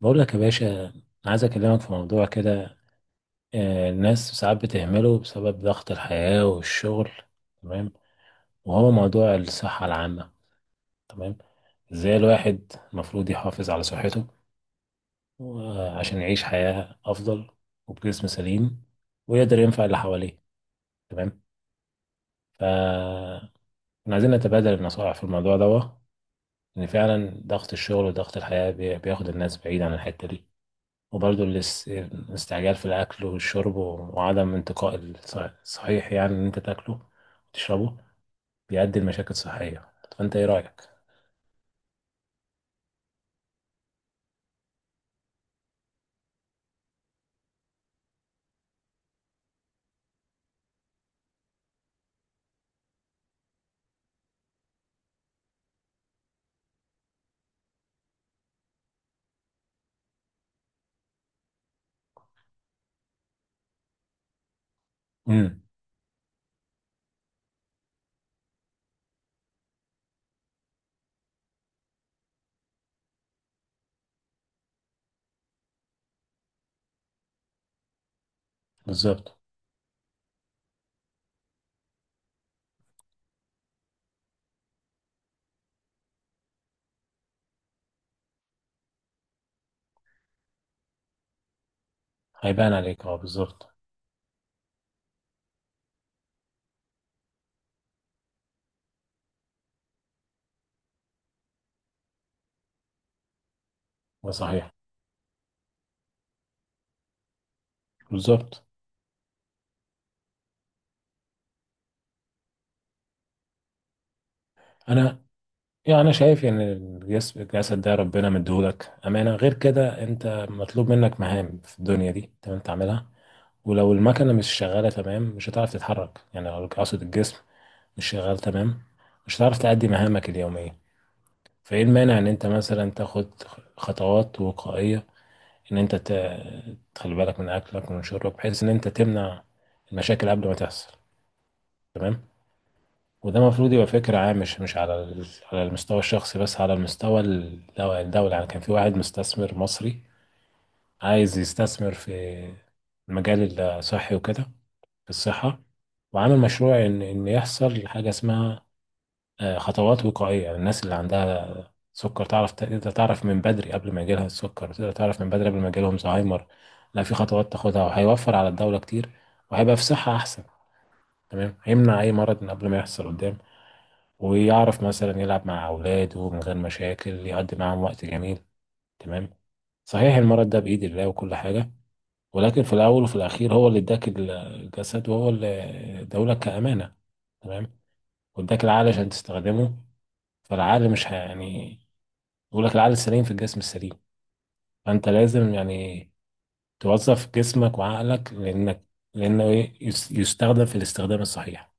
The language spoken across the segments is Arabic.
بقول لك يا باشا، عايز اكلمك في موضوع كده. آه، الناس ساعات بتهمله بسبب ضغط الحياة والشغل، تمام وهو موضوع الصحة العامة. تمام ازاي الواحد المفروض يحافظ على صحته، آه، عشان يعيش حياة افضل وبجسم سليم ويقدر ينفع اللي حواليه. تمام إحنا عايزين نتبادل النصائح في الموضوع ده، لان فعلا ضغط الشغل وضغط الحياة بياخد الناس بعيد عن الحتة دي. وبرضه الاستعجال في الأكل والشرب وعدم انتقاء الصحيح، يعني إن أنت تاكله وتشربه، بيؤدي لمشاكل صحية. فأنت إيه رأيك؟ امم بالظبط. هيبان عليك، اه، بالظبط. ده صحيح. بالظبط. أنا يعني أنا شايف إن الجسد ده ربنا مديهولك أمانة، غير كده أنت مطلوب منك مهام في الدنيا دي تمام تعملها. ولو المكنة مش شغالة تمام، مش هتعرف تتحرك، يعني لو أقصد الجسم مش شغال تمام، مش هتعرف تأدي مهامك اليومية. فايه المانع ان انت مثلا تاخد خطوات وقائية، ان انت تخلي بالك من اكلك ومن شربك بحيث ان انت تمنع المشاكل قبل ما تحصل. تمام وده المفروض يبقى فكرة عامة، مش مش على على المستوى الشخصي بس، على المستوى الدولي. يعني كان في واحد مستثمر مصري عايز يستثمر في المجال الصحي وكده، في الصحة، وعامل مشروع ان يحصل حاجة اسمها آه، خطوات وقائية. يعني الناس اللي عندها سكر تعرف، تقدر تعرف من بدري قبل ما يجيلها السكر، تقدر تعرف من بدري قبل ما يجيلهم زهايمر. لا، في خطوات تاخدها، وهيوفر على الدولة كتير وهيبقى في صحة أحسن. تمام هيمنع أي مرض من قبل ما يحصل قدام، ويعرف مثلا يلعب مع أولاده من غير مشاكل، يقضي معاهم وقت جميل. تمام صحيح، المرض ده بإيد الله وكل حاجة، ولكن في الأول وفي الأخير هو اللي اداك الجسد، وهو اللي اداهولك كأمانة، تمام واداك العقل عشان تستخدمه. فالعقل مش ه- يعني بيقول لك العقل السليم في الجسم السليم. فانت لازم يعني توظف جسمك وعقلك، لانك لانه إيه؟ يستخدم في الاستخدام الصحيح.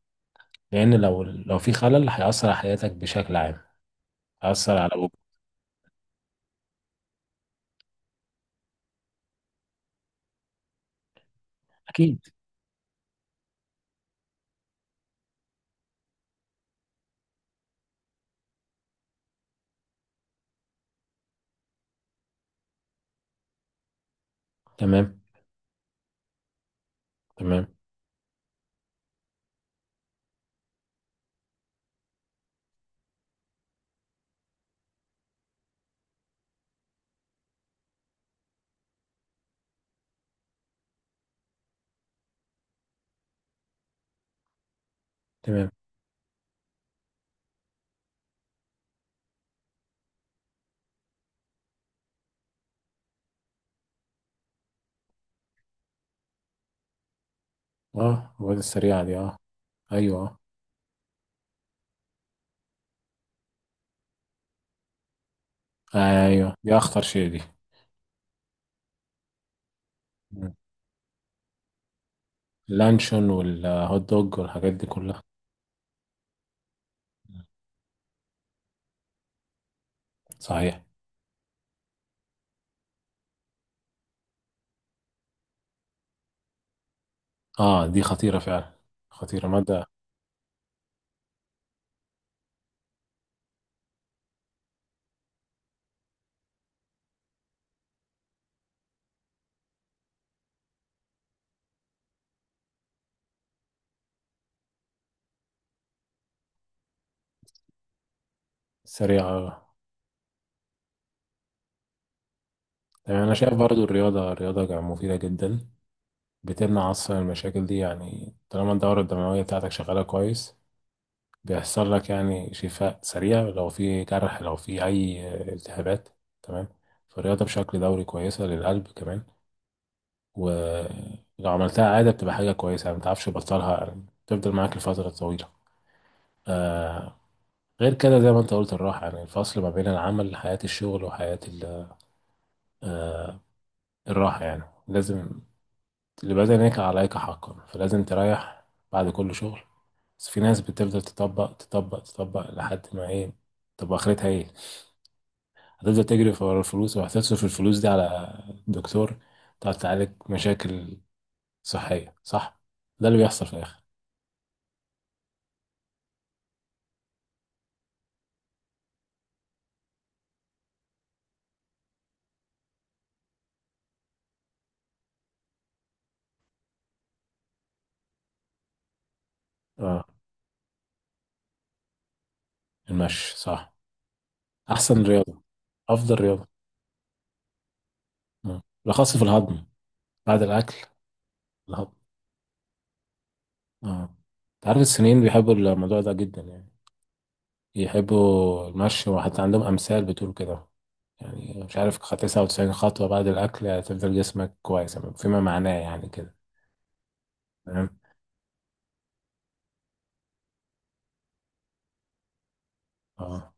لان لو لو في خلل، هيأثر على حياتك بشكل عام، هيأثر على أبوك. اكيد. تمام، تمام، تمام. اه، الواد السريعة دي، اه. ايوه. آه. ايوه دي اخطر شيء دي. مم. اللانشون والهوت دوج والحاجات دي كلها. صحيح. اه، دي خطيرة فعلا. خطيرة مادة. سريعة. آه. تمام، انا شايف برضو الرياضة، الرياضة مفيدة جدا. بتمنع أصلا المشاكل دي، يعني طالما الدورة الدموية بتاعتك شغالة كويس، بيحصل لك يعني شفاء سريع لو في جرح، لو في أي التهابات. تمام فالرياضة بشكل دوري كويسة للقلب كمان، ولو عملتها عادة بتبقى حاجة كويسة، يعني متعرفش تبطلها، يعني تفضل معاك لفترة طويلة. آه غير كده زي ما انت قلت، الراحة، يعني الفصل ما بين العمل، حياة الشغل وحياة الراحة. يعني لازم، لبدنك عليك حقا، فلازم تريح بعد كل شغل. بس في ناس بتفضل تطبق تطبق تطبق لحد ما ايه، طب اخرتها ايه؟ هتفضل تجري ورا الفلوس، وهتصرف الفلوس دي على دكتور، تقعد تعالج مشاكل صحية، صح؟ ده اللي بيحصل في الاخر. اه، المشي صح، احسن رياضة، افضل رياضة. آه. بالاخص في الهضم، بعد الاكل. الهضم، اه. انت عارف الصينيين بيحبوا الموضوع ده جدا، يعني يحبوا المشي، وحتى عندهم أمثال بتقول كده، يعني مش عارف 99 خطوة بعد الأكل هتفضل جسمك كويس فيما معناه يعني كده. تمام. اه،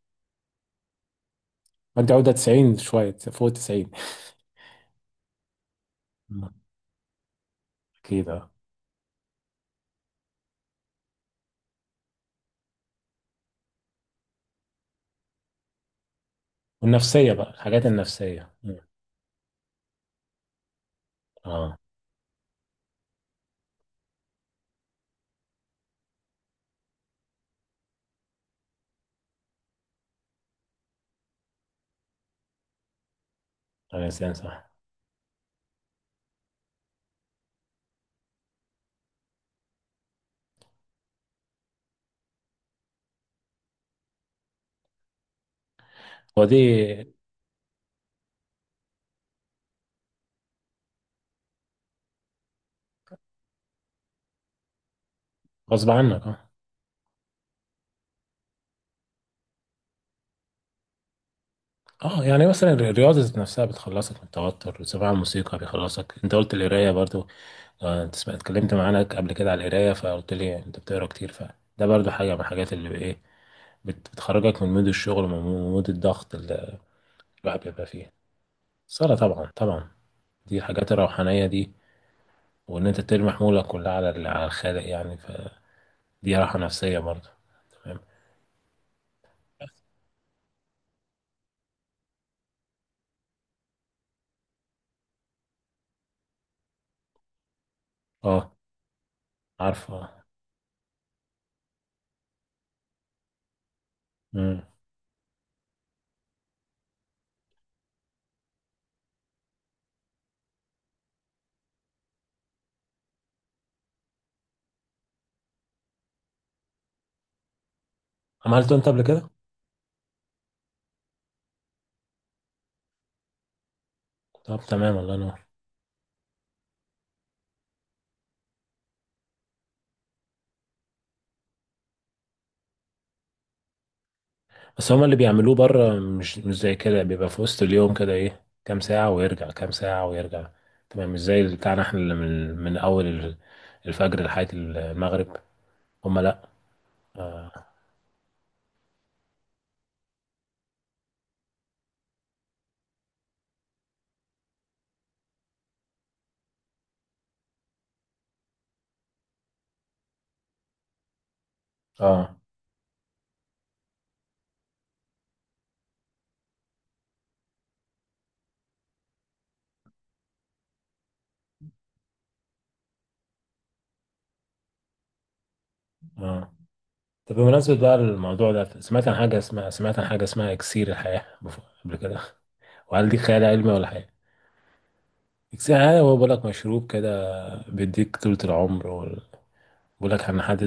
أنت عودة 90، شوية فوق 90. مم. أكيد اه. والنفسية بقى الحاجات النفسية. مم. اه. الإنسان صح. ودي غصب عنك، اه. اه، يعني مثلا الرياضة ذات نفسها بتخلصك من التوتر، سماع الموسيقى بيخلصك، انت قلت القراية برضو. آه، انت سمعت اتكلمت معانا قبل كده على القرايه، فقلت لي انت بتقرا كتير، فده برضو حاجه من الحاجات اللي ايه، بتخرجك من مود الشغل ومن مود الضغط اللي الواحد بيبقى فيه. الصلاه طبعا طبعا، دي الحاجات الروحانيه دي. وان انت ترمي حمولك كلها على على الخالق، يعني فدي راحه نفسيه برضو. تمام. اه. عارفه. امم عملته انت قبل كده؟ طب تمام، الله ينور. بس هما اللي بيعملوه بره مش مش زي كده، بيبقى في وسط اليوم كده ايه، كام ساعة ويرجع كام ساعة ويرجع. تمام، مش زي اللي بتاعنا احنا، اللي من من اول الفجر لحد المغرب. هما لا. اه، اه. طب بمناسبة بقى الموضوع ده، سمعت عن حاجة اسمها، سمعت عن حاجة اسمها اكسير الحياة قبل كده، وهل دي خيال علمي ولا حاجة؟ اكسير الحياة هو بيقول لك مشروب كده بيديك طولة العمر بيقول لك ان حد،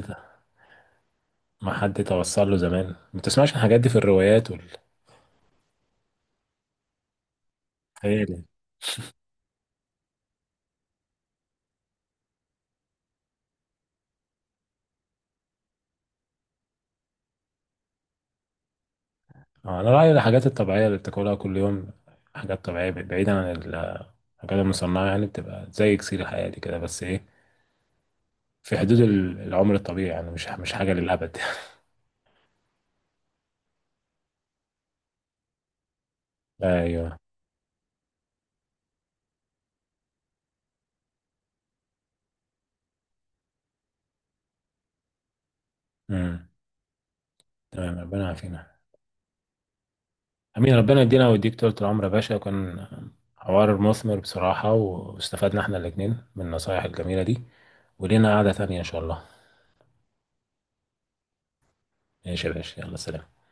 ما حد توصل له زمان، ما بتسمعش عن الحاجات دي في الروايات والخيال يعني؟ آه، انا رايي الحاجات الطبيعيه اللي بتاكلها كل يوم، حاجات طبيعيه بعيدا عن الحاجات المصنعه، يعني بتبقى زي اكسير حياتي كده، بس ايه، في حدود العمر الطبيعي، يعني مش مش حاجه للابد. ايوه. امم. تمام، ربنا يعافينا. امين، ربنا يدينا ويديك طول العمر يا باشا. كان حوار مثمر بصراحه، واستفدنا احنا الاثنين من النصايح الجميله دي، ولينا قعده ثانيه ان شاء الله. ماشي يا باشا، يلا سلام.